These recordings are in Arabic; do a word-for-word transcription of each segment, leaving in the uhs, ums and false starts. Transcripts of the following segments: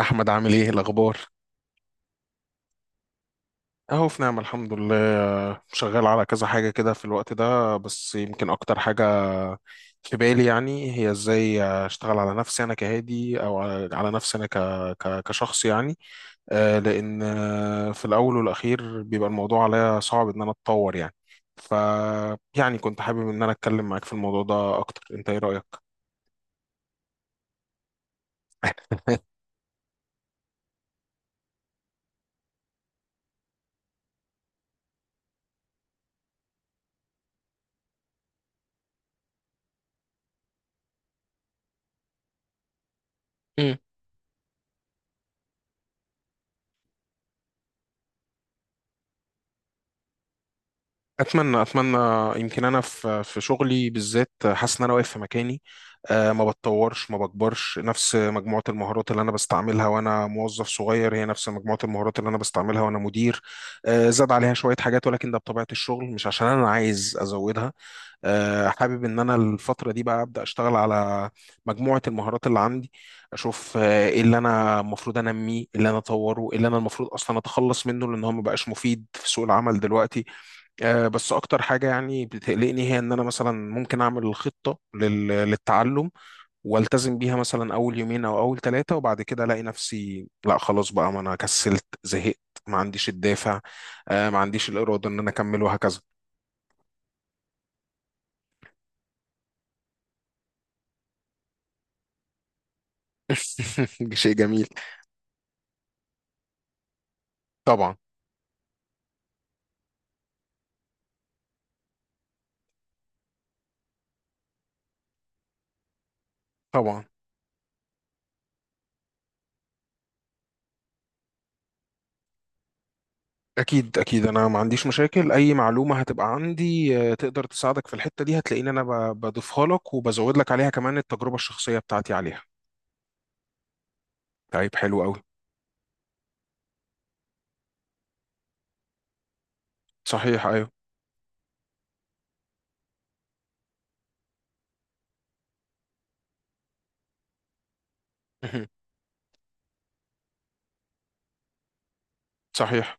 احمد، عامل ايه الاخبار؟ اهو في نعمه، الحمد لله شغال على كذا حاجه كده في الوقت ده، بس يمكن اكتر حاجه في بالي يعني هي ازاي اشتغل على نفسي انا كهادي، او على على نفسي انا ك... ك... كشخص يعني. آه، لان آه، في الاول والاخير بيبقى الموضوع عليا صعب ان انا اتطور يعني. ف يعني كنت حابب ان انا اتكلم معاك في الموضوع ده اكتر، انت ايه رايك؟ اتمنى اتمنى. يمكن انا في في شغلي بالذات حاسس ان انا واقف في مكاني. آه، ما بتطورش ما بكبرش، نفس مجموعه المهارات اللي انا بستعملها وانا موظف صغير هي نفس مجموعه المهارات اللي انا بستعملها وانا مدير. آه، زاد عليها شويه حاجات، ولكن ده بطبيعه الشغل مش عشان انا عايز ازودها. آه، حابب ان انا الفتره دي بقى ابدا اشتغل على مجموعه المهارات اللي عندي، اشوف آه، ايه اللي انا المفروض انميه، إيه اللي انا اطوره، إيه اللي انا المفروض اصلا اتخلص منه لان هو ما بقاش مفيد في سوق العمل دلوقتي. آه، بس اكتر حاجه يعني بتقلقني هي ان انا مثلا ممكن اعمل الخطه لل- للتعلم والتزم بيها مثلا اول يومين او اول ثلاثه، وبعد كده الاقي نفسي لا خلاص بقى، ما انا كسلت زهقت، ما عنديش الدافع. آه، ما عنديش الاراده ان انا اكمل، وهكذا. شيء جميل. طبعا. طبعا اكيد اكيد، انا ما عنديش مشاكل، اي معلومه هتبقى عندي آه، تقدر تساعدك في الحته دي، هتلاقيني انا ب- بضيفها لك وبزود لك عليها كمان التجربه الشخصيه بتاعتي عليها. طيب حلو قوي. صحيح، ايوه. صحيح،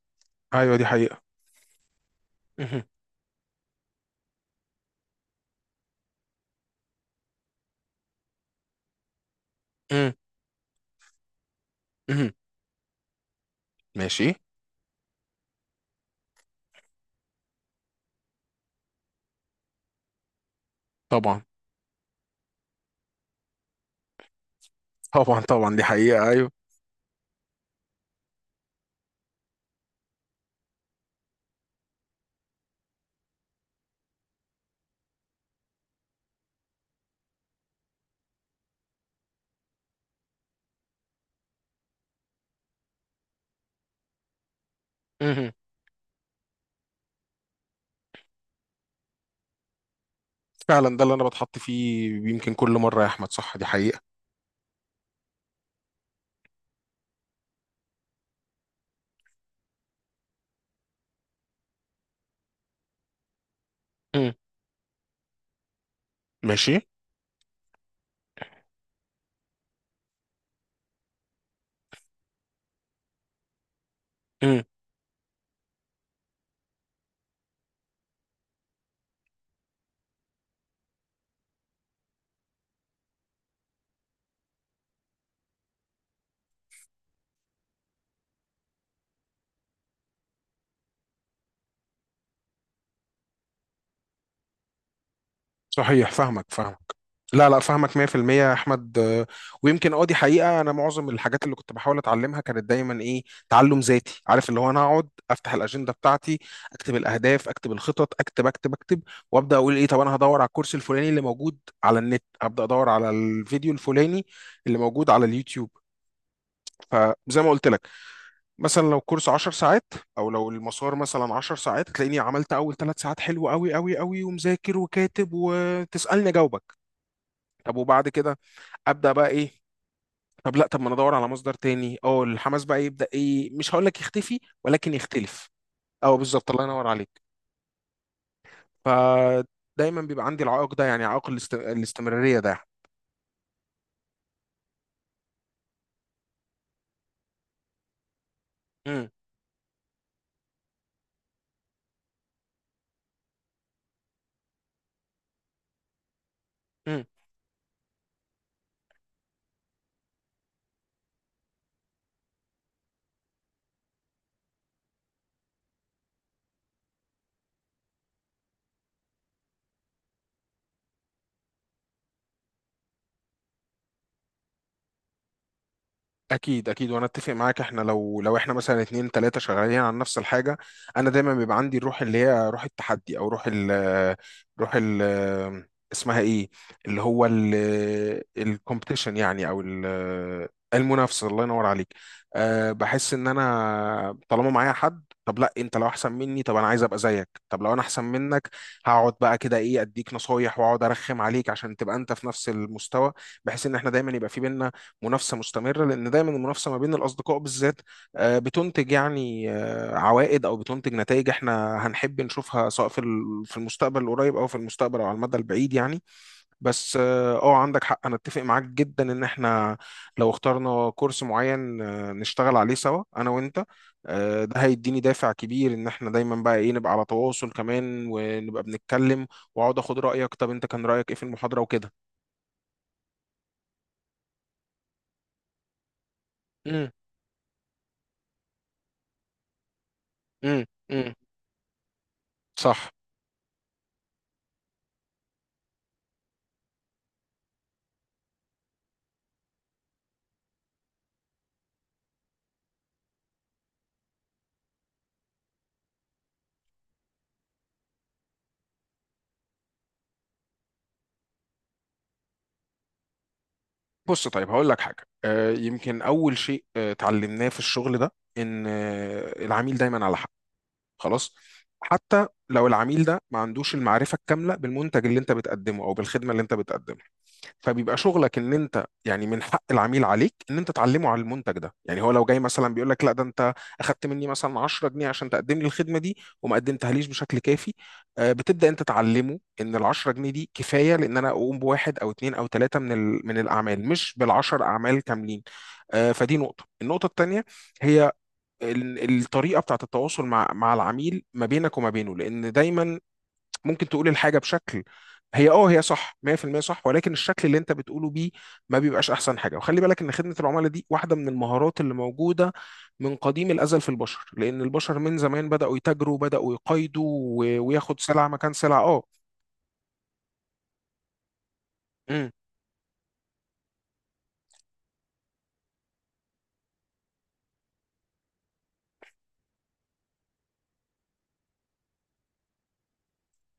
ايوه دي حقيقة. مهم. مهم. مهم. ماشي. طبعا. طبعا طبعا، دي حقيقة ايوه. مهم. فعلا ده اللي انا بتحط فيه يمكن كل مرة يا احمد، صح دي حقيقة. مهم. ماشي. مهم. صحيح، فاهمك فاهمك. لا لا، فاهمك مية في المية يا احمد. آه، ويمكن اه دي حقيقه، انا معظم الحاجات اللي كنت بحاول اتعلمها كانت دايما ايه؟ تعلم ذاتي، عارف اللي هو انا اقعد افتح الاجنده بتاعتي، اكتب الاهداف اكتب الخطط اكتب اكتب اكتب، وابدا اقول ايه، طب انا هدور على الكورس الفلاني اللي موجود على النت، ابدا ادور على الفيديو الفلاني اللي موجود على اليوتيوب. فزي ما قلت لك، مثلا لو كورس 10 ساعات او لو المسار مثلا 10 ساعات، تلاقيني عملت اول ثلاث ساعات حلو قوي قوي قوي، ومذاكر وكاتب وتسالني اجاوبك. طب وبعد كده ابدا بقى ايه؟ طب لا، طب ما انا ادور على مصدر تاني. اه الحماس بقى يبدا ايه، مش هقول لك يختفي ولكن يختلف. اه بالظبط، الله ينور عليك. فدايما بيبقى عندي العائق ده، يعني عائق الاست... الاستمراريه ده. مم. مم. اكيد اكيد، وانا اتفق معاك. احنا لو لو احنا مثلا اتنين تلاتة شغالين على نفس الحاجه، انا دايما بيبقى عندي الروح اللي هي روح التحدي، او روح ال، روح ال، اسمها ايه، اللي هو الكومبيتيشن يعني، او ال- المنافسه. الله ينور عليك. أه بحس ان انا طالما معايا حد، طب لا انت لو احسن مني طب انا عايز ابقى زيك، طب لو انا احسن منك هقعد بقى كده ايه اديك نصايح واقعد ارخم عليك عشان تبقى انت في نفس المستوى، بحيث ان احنا دايما يبقى في بينا منافسه مستمره، لان دايما المنافسه ما بين الاصدقاء بالذات آه، بتنتج يعني آه، عوائد، او بتنتج نتائج احنا هنحب نشوفها، سواء في ال- في المستقبل القريب او في المستقبل او على المدى البعيد يعني. بس اه آه، عندك حق، انا اتفق معاك جدا ان احنا لو اخترنا كورس معين آه، نشتغل عليه سوا انا وانت، آه، ده هيديني دافع كبير، ان احنا دايما بقى ايه نبقى على تواصل كمان ونبقى بنتكلم، واقعد اخد رايك طب انت كان رايك ايه في المحاضره وكده. امم. امم. امم. صح. بص طيب هقول لك حاجة، آه، يمكن أول شيء آه، اتعلمناه في الشغل ده إن آه، العميل دايما على حق، خلاص. حتى لو العميل ده ما عندوش المعرفة الكاملة بالمنتج اللي أنت بتقدمه أو بالخدمة اللي أنت بتقدمها، فبيبقى شغلك ان انت يعني من حق العميل عليك ان انت تعلمه على المنتج ده. يعني هو لو جاي مثلا بيقول لك لا ده انت اخدت مني مثلا عشرة جنيه عشان تقدم لي الخدمه دي وما قدمتهاليش بشكل كافي، آه، بتبدا انت تعلمه ان ال عشرة جنيه دي كفايه لان انا اقوم بواحد او اثنين او ثلاثه من ال- من الاعمال، مش بالعشر اعمال كاملين. آه، فدي نقطه. النقطه الثانيه هي ال- الطريقه بتاعت التواصل مع مع العميل ما بينك وما بينه، لان دايما ممكن تقول الحاجة بشكل هي اه هي صح مية في المية صح، ولكن الشكل اللي انت بتقوله بيه ما بيبقاش احسن حاجه. وخلي بالك ان خدمه العملاء دي واحده من المهارات اللي موجوده من قديم الازل في البشر، لان البشر من زمان بداوا يتاجروا بداوا يقايضوا و- وياخد سلعه مكان سلعه. اه. مم.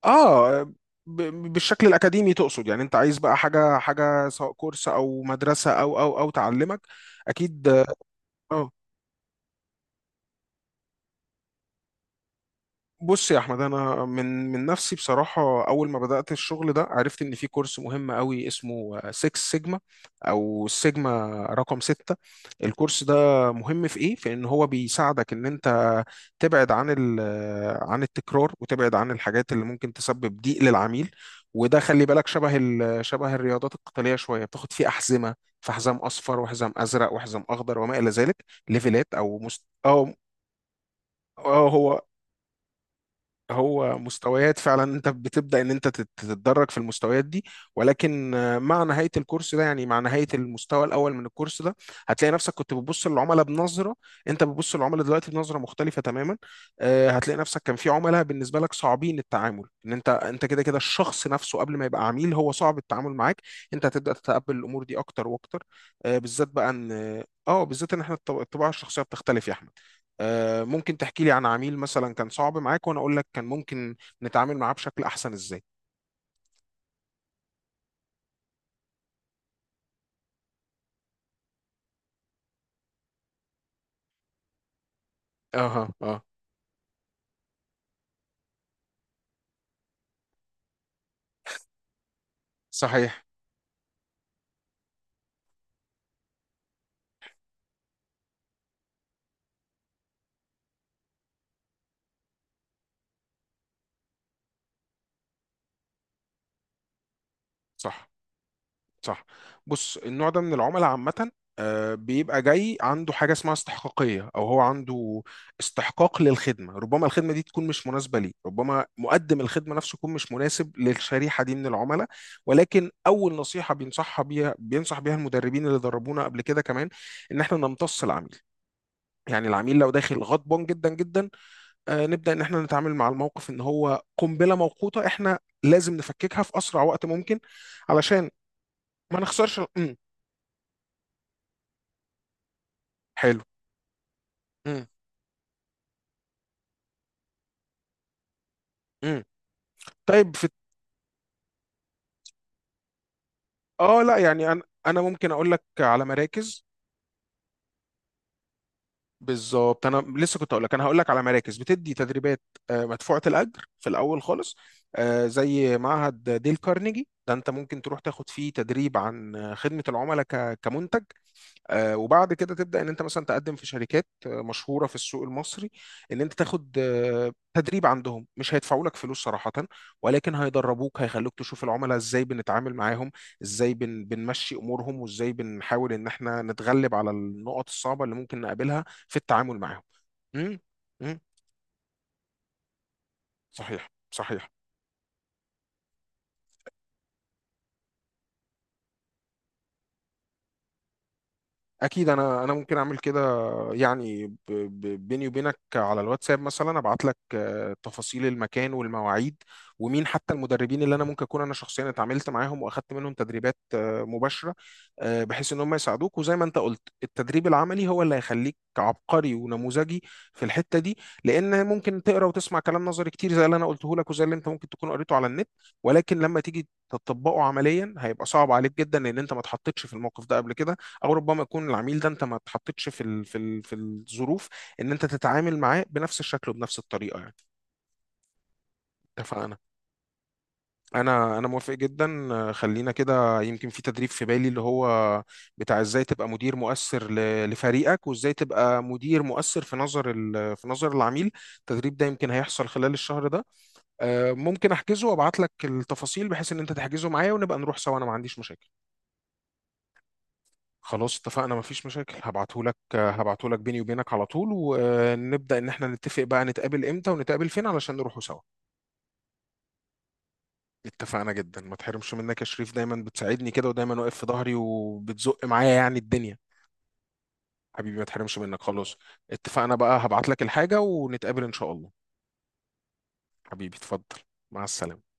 اه ب- بالشكل الاكاديمي تقصد؟ يعني انت عايز بقى حاجه حاجه سواء كورس او مدرسه او او او تعلمك؟ اكيد. اه. بص يا احمد، انا من من نفسي بصراحه، اول ما بدات الشغل ده عرفت ان في كورس مهم قوي اسمه 6 سيجما، او السيجما رقم ستة. الكورس ده مهم في ايه؟ في ان هو بيساعدك ان انت تبعد عن ال- عن التكرار، وتبعد عن الحاجات اللي ممكن تسبب ضيق للعميل. وده خلي بالك شبه ال- شبه الرياضات القتاليه شويه، بتاخد فيه احزمه، في حزام اصفر وحزام ازرق وحزام اخضر وما الى ذلك، ليفلات او مست... أو اه هو هو مستويات. فعلا انت بتبدأ ان انت تت- تتدرج في المستويات دي. ولكن آه، مع نهاية الكورس ده، يعني مع نهاية المستوى الاول من الكورس ده، هتلاقي نفسك كنت بتبص للعملاء بنظرة، انت بتبص للعملاء دلوقتي بنظرة مختلفة تماما. آه، هتلاقي نفسك كان في عملاء بالنسبة لك صعبين التعامل، ان انت انت كده كده الشخص نفسه قبل ما يبقى عميل هو صعب التعامل معاك، انت هتبدأ تتقبل الامور دي اكتر واكتر. آه، بالذات بقى ان اه بالذات ان احنا الطب- الطباع الشخصية بتختلف يا احمد. آه، ممكن تحكي لي عن عميل مثلا كان صعب معاك وانا اقول لك كان ممكن نتعامل معاه بشكل احسن ازاي. اها اه صحيح. صح صح. بص، النوع ده من العملاء عامة آه، بيبقى جاي عنده حاجة اسمها استحقاقية، أو هو عنده استحقاق للخدمة، ربما الخدمة دي تكون مش مناسبة ليه، ربما مقدم الخدمة نفسه يكون مش مناسب للشريحة دي من العملاء. ولكن أول نصيحة بينصحها بيها بينصح بيها المدربين اللي دربونا قبل كده كمان، إن إحنا نمتص العميل. يعني العميل لو داخل غضبان جدا جدا، آه، نبدأ إن إحنا نتعامل مع الموقف إن هو قنبلة موقوتة، إحنا لازم نفككها في أسرع وقت ممكن علشان ما نخسرش. امم. حلو. امم. امم. طيب في آه لا، يعني أنا أنا ممكن أقول لك على مراكز. بالظبط أنا لسه كنت أقول لك، أنا هقول لك على مراكز بتدي تدريبات آه، مدفوعة الأجر في الأول خالص. آه، زي معهد ديل كارنيجي، ده أنت ممكن تروح تاخد فيه تدريب عن آه، خدمة العملاء ك- كمنتج. آه، وبعد كده تبدا ان انت مثلا تقدم في شركات آه، مشهوره في السوق المصري ان انت تاخد آه، تدريب عندهم، مش هيدفعوا لك فلوس صراحه، ولكن هيدربوك هيخلوك تشوف العملاء ازاي بنتعامل معاهم، ازاي بن بنمشي امورهم، وازاي بنحاول ان احنا نتغلب على النقط الصعبه اللي ممكن نقابلها في التعامل معاهم. امم. امم. صحيح صحيح. اكيد، انا انا ممكن اعمل كده، يعني ب- ب- بيني وبينك على الواتساب مثلا ابعت لك آه، تفاصيل المكان والمواعيد، ومين حتى المدربين اللي انا ممكن اكون انا شخصيا اتعاملت معاهم واخدت منهم تدريبات آه، مباشره. آه، بحيث ان هم يساعدوك، وزي ما انت قلت التدريب العملي هو اللي هيخليك عبقري ونموذجي في الحته دي، لان ممكن تقرا وتسمع كلام نظري كتير زي اللي انا قلته لك وزي اللي انت ممكن تكون قريته على النت، ولكن لما تيجي تطبقه عمليا هيبقى صعب عليك جدا لان انت ما اتحطيتش في الموقف ده قبل كده، او ربما يكون العميل ده انت ما اتحطيتش في ال في ال في الظروف ان انت تتعامل معاه بنفس الشكل وبنفس الطريقه يعني. اتفقنا. انا انا موافق جدا آه، خلينا كده، يمكن في تدريب في بالي اللي هو بتاع ازاي تبقى مدير مؤثر ل- لفريقك، وازاي تبقى مدير مؤثر في نظر ال- في نظر العميل. التدريب ده يمكن هيحصل خلال الشهر ده، آه، ممكن احجزه وابعت لك التفاصيل، بحيث ان انت تحجزه معايا ونبقى نروح سوا، انا ما عنديش مشاكل. خلاص، اتفقنا، مفيش مشاكل. هبعتهولك هبعتهولك بيني وبينك على طول، ونبدأ ان احنا نتفق بقى نتقابل امتى ونتقابل فين علشان نروحوا سوا. اتفقنا جدا، ما تحرمش منك يا شريف، دايما بتساعدني كده ودايما واقف في ظهري وبتزق معايا يعني الدنيا. حبيبي، ما تحرمش منك. خلاص، اتفقنا بقى، هبعتلك الحاجة ونتقابل ان شاء الله. حبيبي، اتفضل. مع السلامة.